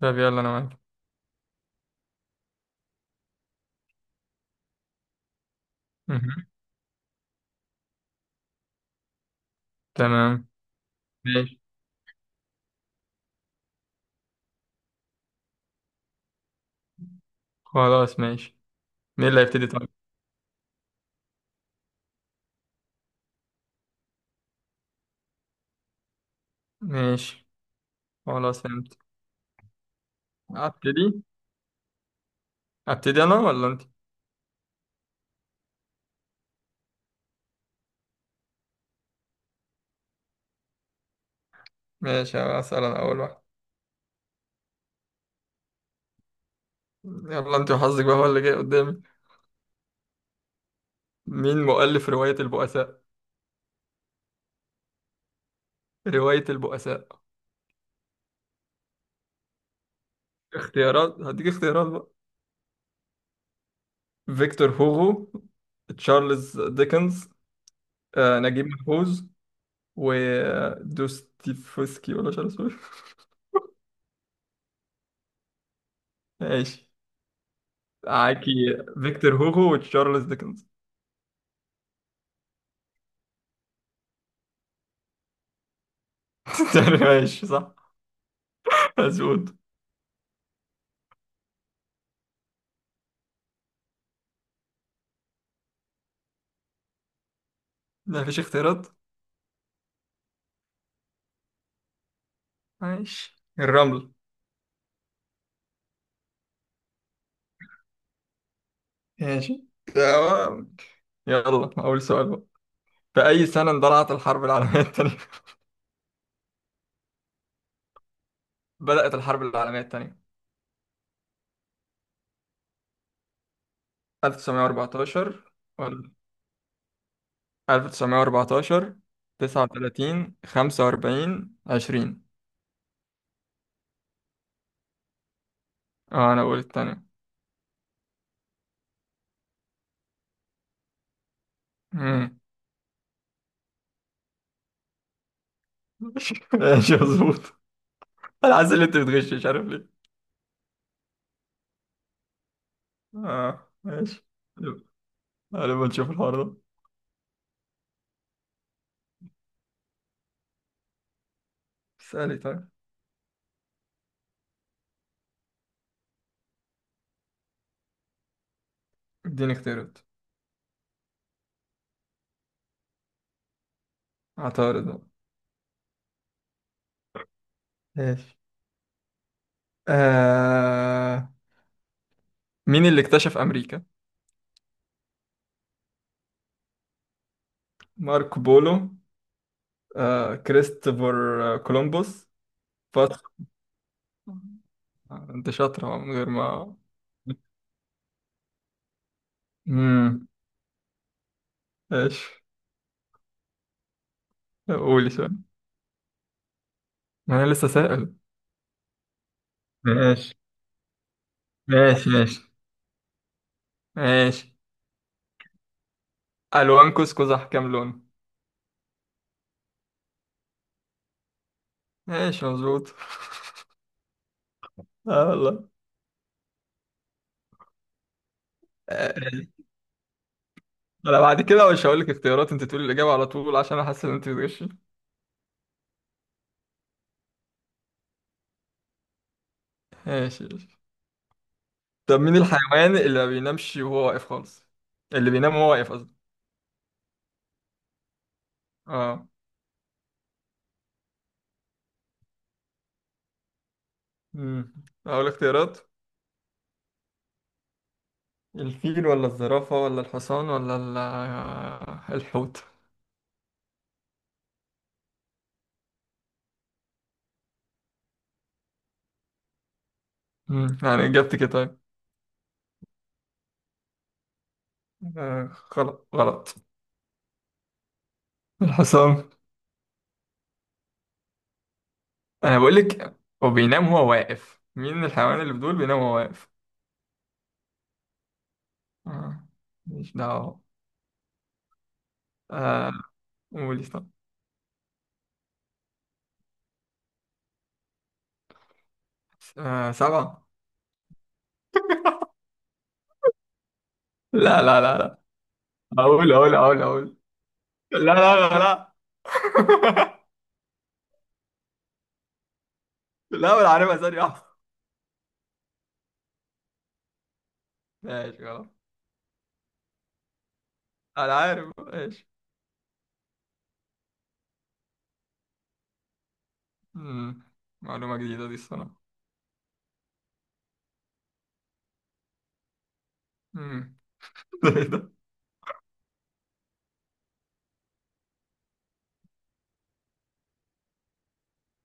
طب يلا انا معاك. مهم. تمام. ماشي. خلاص ماشي. مين اللي هيبتدي طيب؟ ماشي. خلاص فهمت. ابتدي. ابتدي انا ولا انت؟ ماشي. اسال انا اول واحد. يلا انت وحظك بقى هو اللي جاي قدامي. مين مؤلف رواية البؤساء؟ رواية البؤساء. اختيارات؟ هديك اختيارات بقى. فيكتور هوغو، تشارلز ديكنز، نجيب محفوظ، ودوستيفسكي، ولا مش عارف اسمه إيه. ماشي. معاكي. فيكتور هوغو وتشارلز ديكنز. ماشي صح. مظبوط. مفيش اختيارات؟ ماشي الرمل. ماشي. تمام. يلا أول سؤال بقى. في أي سنة اندلعت الحرب العالمية الثانية؟ بدأت الحرب العالمية الثانية. 1914. ولا 1914، 39، 45، 20. اه أنا أقول الثانية. مم. ماشي مظبوط. أنا حاسس إن أنت بتغش، مش عارف ليه. اه ماشي. يلا، غالبا نشوف الحوار ده. اسألي طيب. اديني اختيارات. عطارد. ماشي. آه... مين اللي اكتشف أمريكا؟ ماركو بولو، كريستوفر، كولومبوس، باسكو، أنت شاطرة من غير ما… امم. ماشي. قولي سؤال. ما أنا لسه سائل. ماشي ماشي. ماشي ماشي. ألوان كوس قزح كام لون؟ ماشي مظبوط. اه والله. آه، انا بعد كده مش هقول لك اختيارات، انت تقولي الاجابه على طول عشان احس ان انت بتغشي. ماشي. طب مين الحيوان اللي ما بينامش وهو واقف خالص؟ اللي بينام وهو واقف قصدي. اه. امم. اقول اختيارات؟ الفيل ولا الزرافة ولا الحصان ولا الحوت. امم، يعني اجابتك إيه طيب؟ آه، غلط غلط. الحصان. انا بقول لك، هو بينام وهو واقف. مين الحيوان اللي بدول بينام وهو واقف؟ آه. مش دعوة. آه. قولي طب. آه. سبعة. لا لا لا لا. اقول اقول اقول اقول. لا لا لا لا. لا، ولا عارفها ثانية واحدة. ماشي خلاص. أنا عارف ماشي. مم. معلومة جديدة دي الصراحة. مم. ده إيه ده؟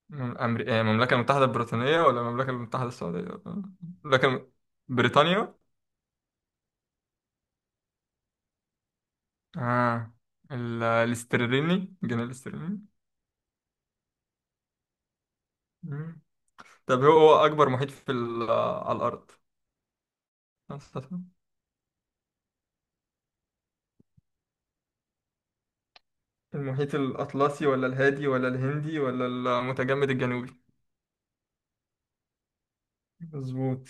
إيه، المملكة المتحدة البريطانية ولا المملكة المتحدة السعودية؟ المملكة الم... بريطانيا. آه. الاسترليني، الجنيه الاسترليني. مم. طب، هو أكبر محيط على الأرض؟ المحيط الأطلسي ولا الهادي ولا الهندي ولا المتجمد الجنوبي؟ مظبوط.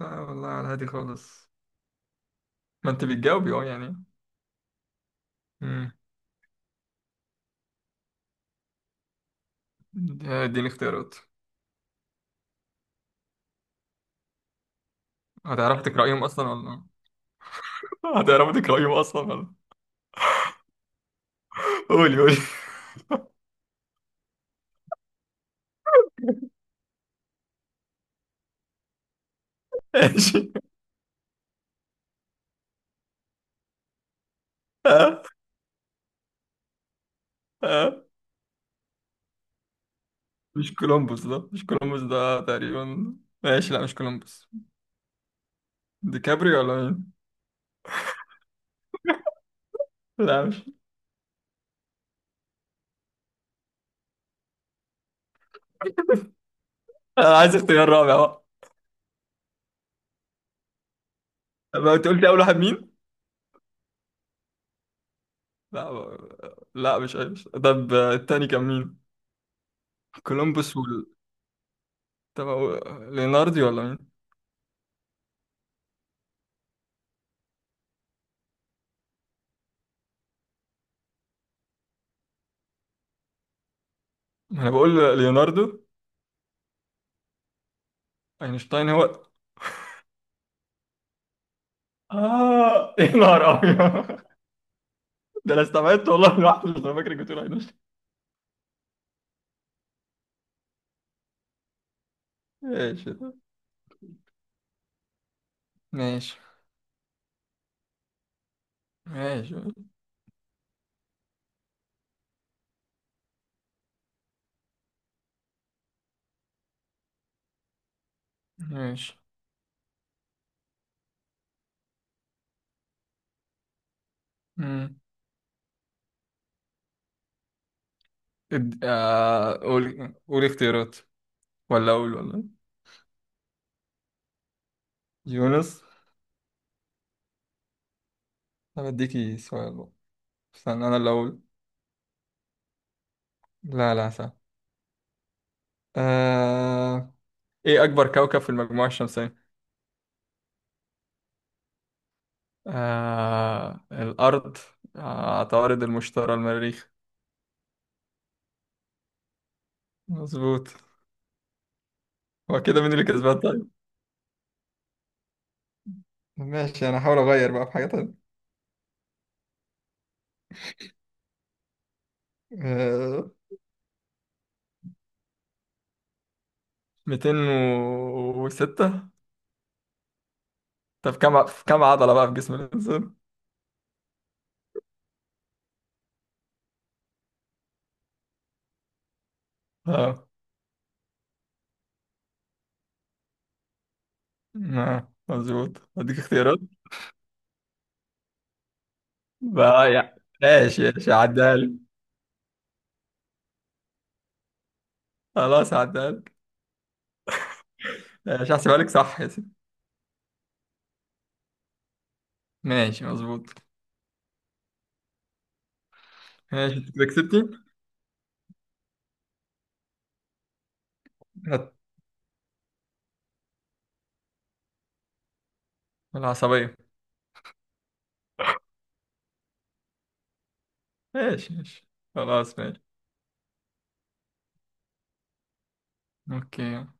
لا والله، على الهادي خالص. ما أنت بتجاوبي أه يعني. دي الاختيارات. هتعرفي تقرأيهم أصلا ولا… هتعرفي تقرأيهم أصلا ولا… قولي قولي. ماشي. آه، آه. مش كولومبوس ده، مش كولومبوس ده تقريبا. ماشي، لا مش كولومبوس. ديكابري ولا مين؟ لا مش… أنا عايز اختيار رابع بقى. ما أنت قلت أول واحد مين؟ لا مش عايز. طب آه، التاني كان مين؟ كولومبوس وال… طب ليوناردو ولا مين؟ ما أنا بقول ليوناردو. أينشتاين هو. آه يا نهار أبيض. ده انا استبعدت والله لوحدي. مش أنا فاكرك بتقول عين وش. ماشي طب. ماشي. ماشي ماشي. مم. قول قول اختيارات. ولا اقول ولا… يونس. طب اديكي سؤال بقى. استنى، انا اللي اقول. لا لا، صح. آه... ايه اكبر كوكب في المجموعة الشمسية؟ آه... الارض، آه... عطارد، المشتري، المريخ. مظبوط. هو كده مين اللي كسبان طيب؟ ماشي، انا هحاول اغير بقى في حاجة تانية. ميتين وستة. طب كم عضلة بقى في جسم الإنسان؟ اه. مظبوط. أديك اختيارات؟ بقى يعني ماشي ماشي، هعديها لك. خلاص هعديها لك. ماشي، هحسبها لك صح يا سيدي. ماشي مظبوط. ماشي. أنت كده كسبتي. هات. العصبية. ماشي ماشي. خلاص ماشي. أوكي.